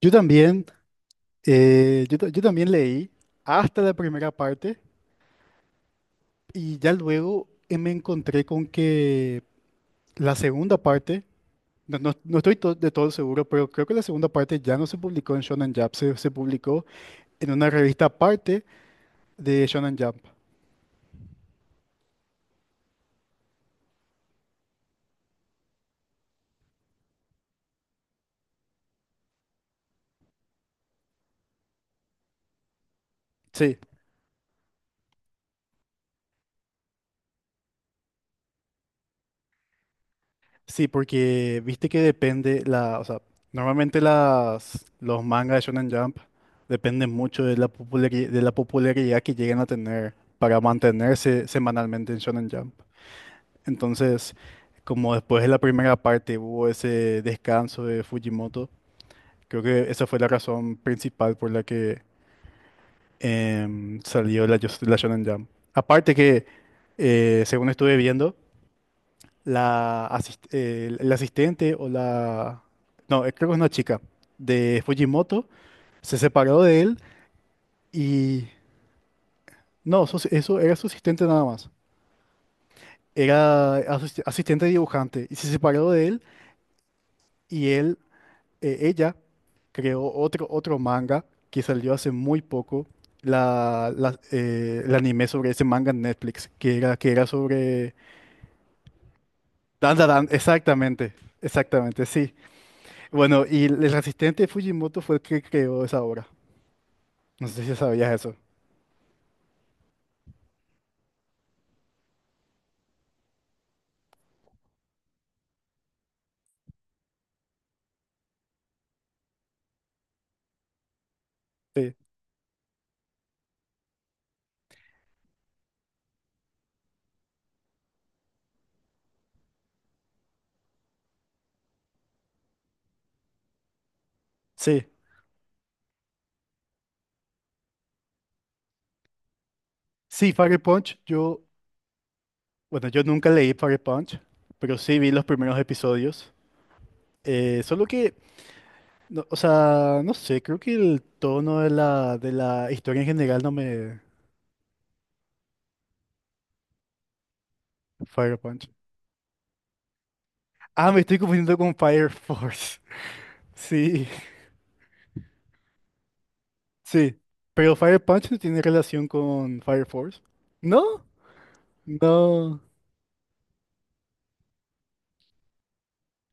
Yo también, yo también leí hasta la primera parte y ya luego me encontré con que la segunda parte, no estoy de todo seguro, pero creo que la segunda parte ya no se publicó en Shonen Jump, se publicó en una revista aparte de Shonen Jump. Sí, sí, porque viste que depende o sea, normalmente los mangas de Shonen Jump dependen mucho de la popularidad que lleguen a tener para mantenerse semanalmente en Shonen Jump. Entonces, como después de la primera parte hubo ese descanso de Fujimoto, creo que esa fue la razón principal por la que salió la Shonen Jump. Aparte que, según estuve viendo, la asistente o la... No, creo que es una chica de Fujimoto, se separó de él y... No, eso era su asistente nada más. Era asistente dibujante y se separó de él. Y él ella creó otro manga que salió hace muy poco, el anime sobre ese manga en Netflix, que era sobre... Dan, Dan, Dan, exactamente, exactamente, sí. Bueno, y el asistente de Fujimoto fue el que creó esa obra. No sé si sabías eso. Sí, sí, sí, Fire Punch, yo, bueno, yo nunca leí Fire Punch, pero sí vi los primeros episodios. Solo que, o sea, no sé, creo que el tono de de la historia en general no me... Fire Punch. Ah, me estoy confundiendo con Fire Force. Sí, sí. Pero Fire Punch no tiene relación con Fire Force. ¿No? No.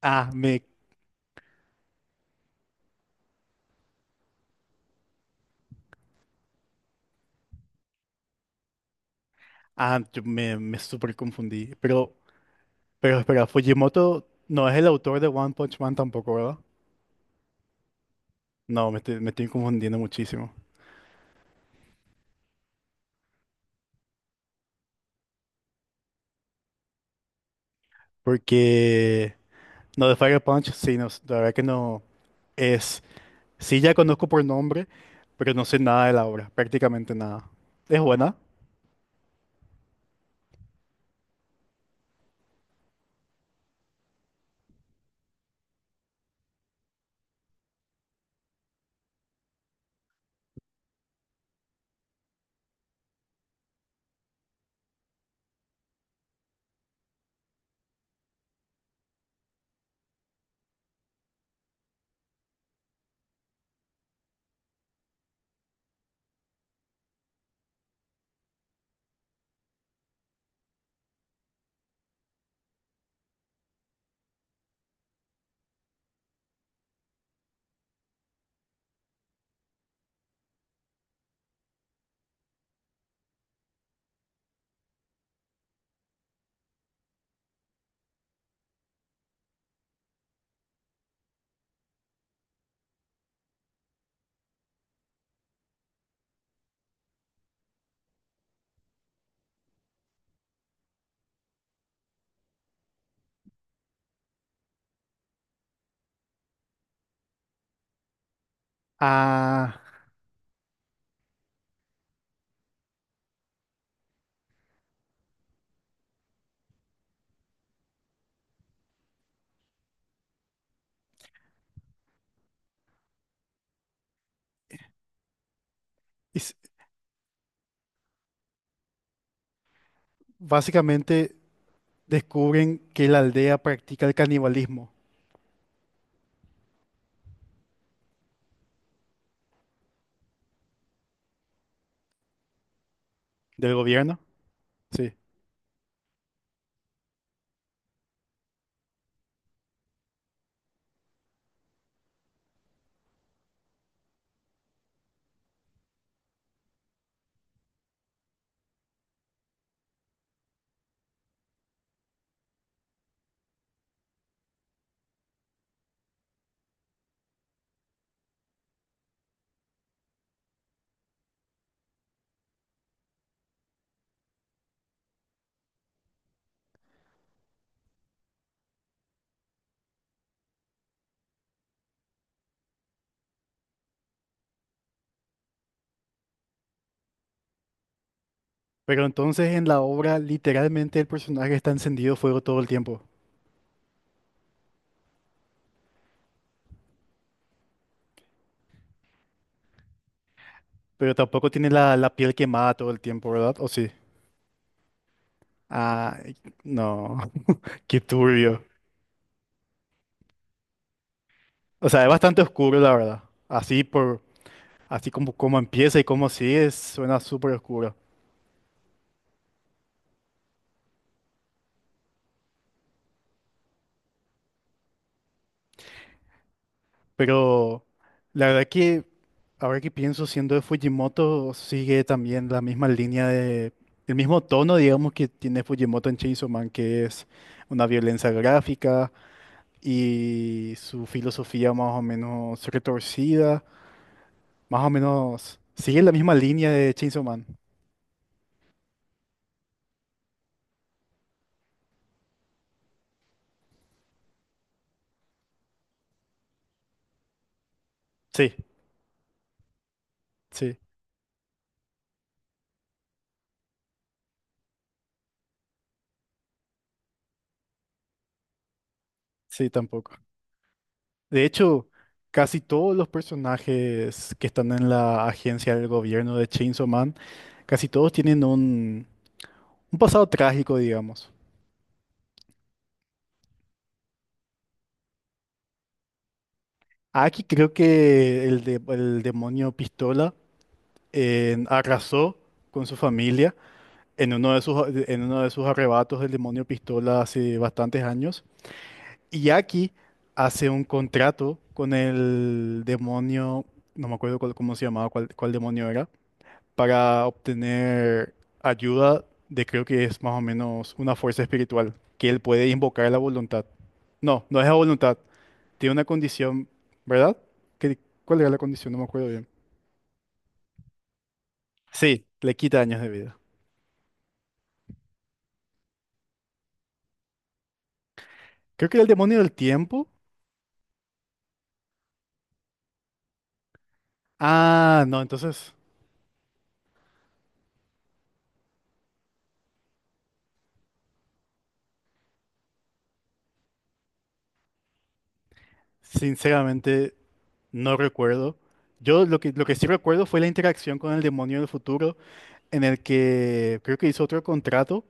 Ah, me, ah, me súper confundí. Pero espera, Fujimoto no es el autor de One Punch Man tampoco, ¿verdad? No, me estoy confundiendo muchísimo. Porque, no, de Fire Punch, sí, no, la verdad que no es. Sí, ya conozco por nombre, pero no sé nada de la obra, prácticamente nada. ¿Es buena? Ah, es- básicamente descubren que la aldea practica el canibalismo del gobierno. Sí. Pero entonces en la obra literalmente el personaje está encendido fuego todo el tiempo. Pero tampoco tiene la piel quemada todo el tiempo, ¿verdad? ¿O sí? Ah, no, qué turbio. O sea, es bastante oscuro, la verdad. Así por, así como, como empieza y como sigue, suena súper oscuro. Pero la verdad que ahora que pienso, siendo de Fujimoto, sigue también la misma línea de, el mismo tono, digamos, que tiene Fujimoto en Chainsaw Man, que es una violencia gráfica y su filosofía más o menos retorcida, más o menos sigue la misma línea de Chainsaw Man. Sí, sí, sí, tampoco. De hecho, casi todos los personajes que están en la agencia del gobierno de Chainsaw Man, casi todos tienen un pasado trágico, digamos. Aquí creo que el demonio Pistola arrasó con su familia en uno de sus, en uno de sus arrebatos del demonio Pistola hace bastantes años. Y Aki hace un contrato con el demonio, no me acuerdo cómo se llamaba, cuál, cuál demonio era, para obtener ayuda de creo que es más o menos una fuerza espiritual, que él puede invocar a la voluntad. No, no es la voluntad. Tiene una condición, ¿verdad? ¿Qué- ¿cuál era la condición? No me acuerdo bien. Sí, le quita años de vida. Creo que era el demonio del tiempo. Ah, no, entonces, sinceramente, no recuerdo. Yo lo que sí recuerdo fue la interacción con el demonio del futuro, en el que creo que hizo otro contrato,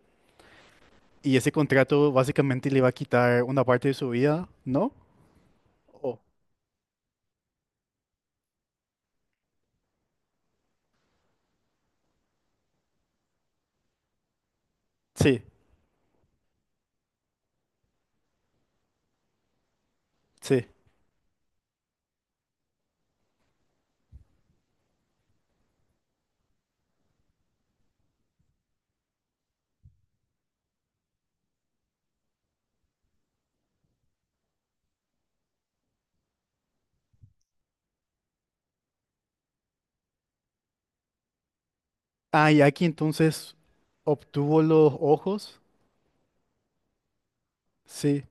y ese contrato básicamente le iba a quitar una parte de su vida, ¿no? Oh, sí, sí. Ah, y aquí entonces obtuvo los ojos. Sí.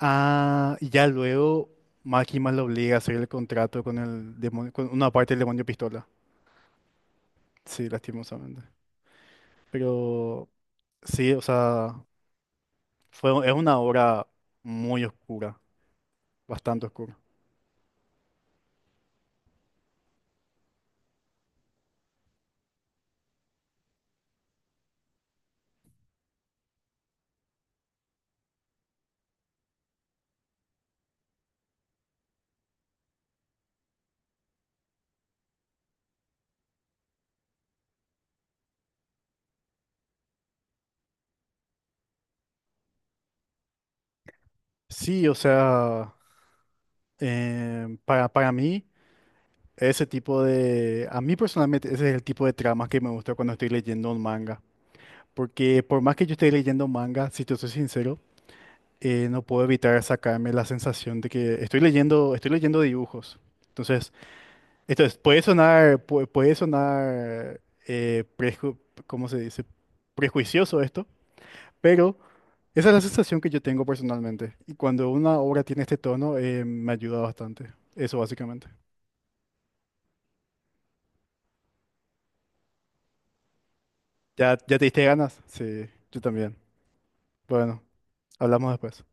Ah, y ya luego Máquina lo obliga a hacer el contrato con el demonio, con una parte del demonio pistola. Sí, lastimosamente. Pero sí, o sea, fue, es una obra muy oscura, bastante oscura. Sí, o sea, para mí, ese tipo de... A mí personalmente, ese es el tipo de tramas que me gusta cuando estoy leyendo un manga. Porque por más que yo esté leyendo manga, si te soy sincero, no puedo evitar sacarme la sensación de que estoy leyendo dibujos. Entonces, esto es- puede sonar, puede sonar, eh, preju- ¿cómo se dice? Prejuicioso esto, pero esa es la sensación que yo tengo personalmente. Y cuando una obra tiene este tono, me ayuda bastante. Eso básicamente. ¿Ya, ya te diste ganas? Sí, yo también. Bueno, hablamos después.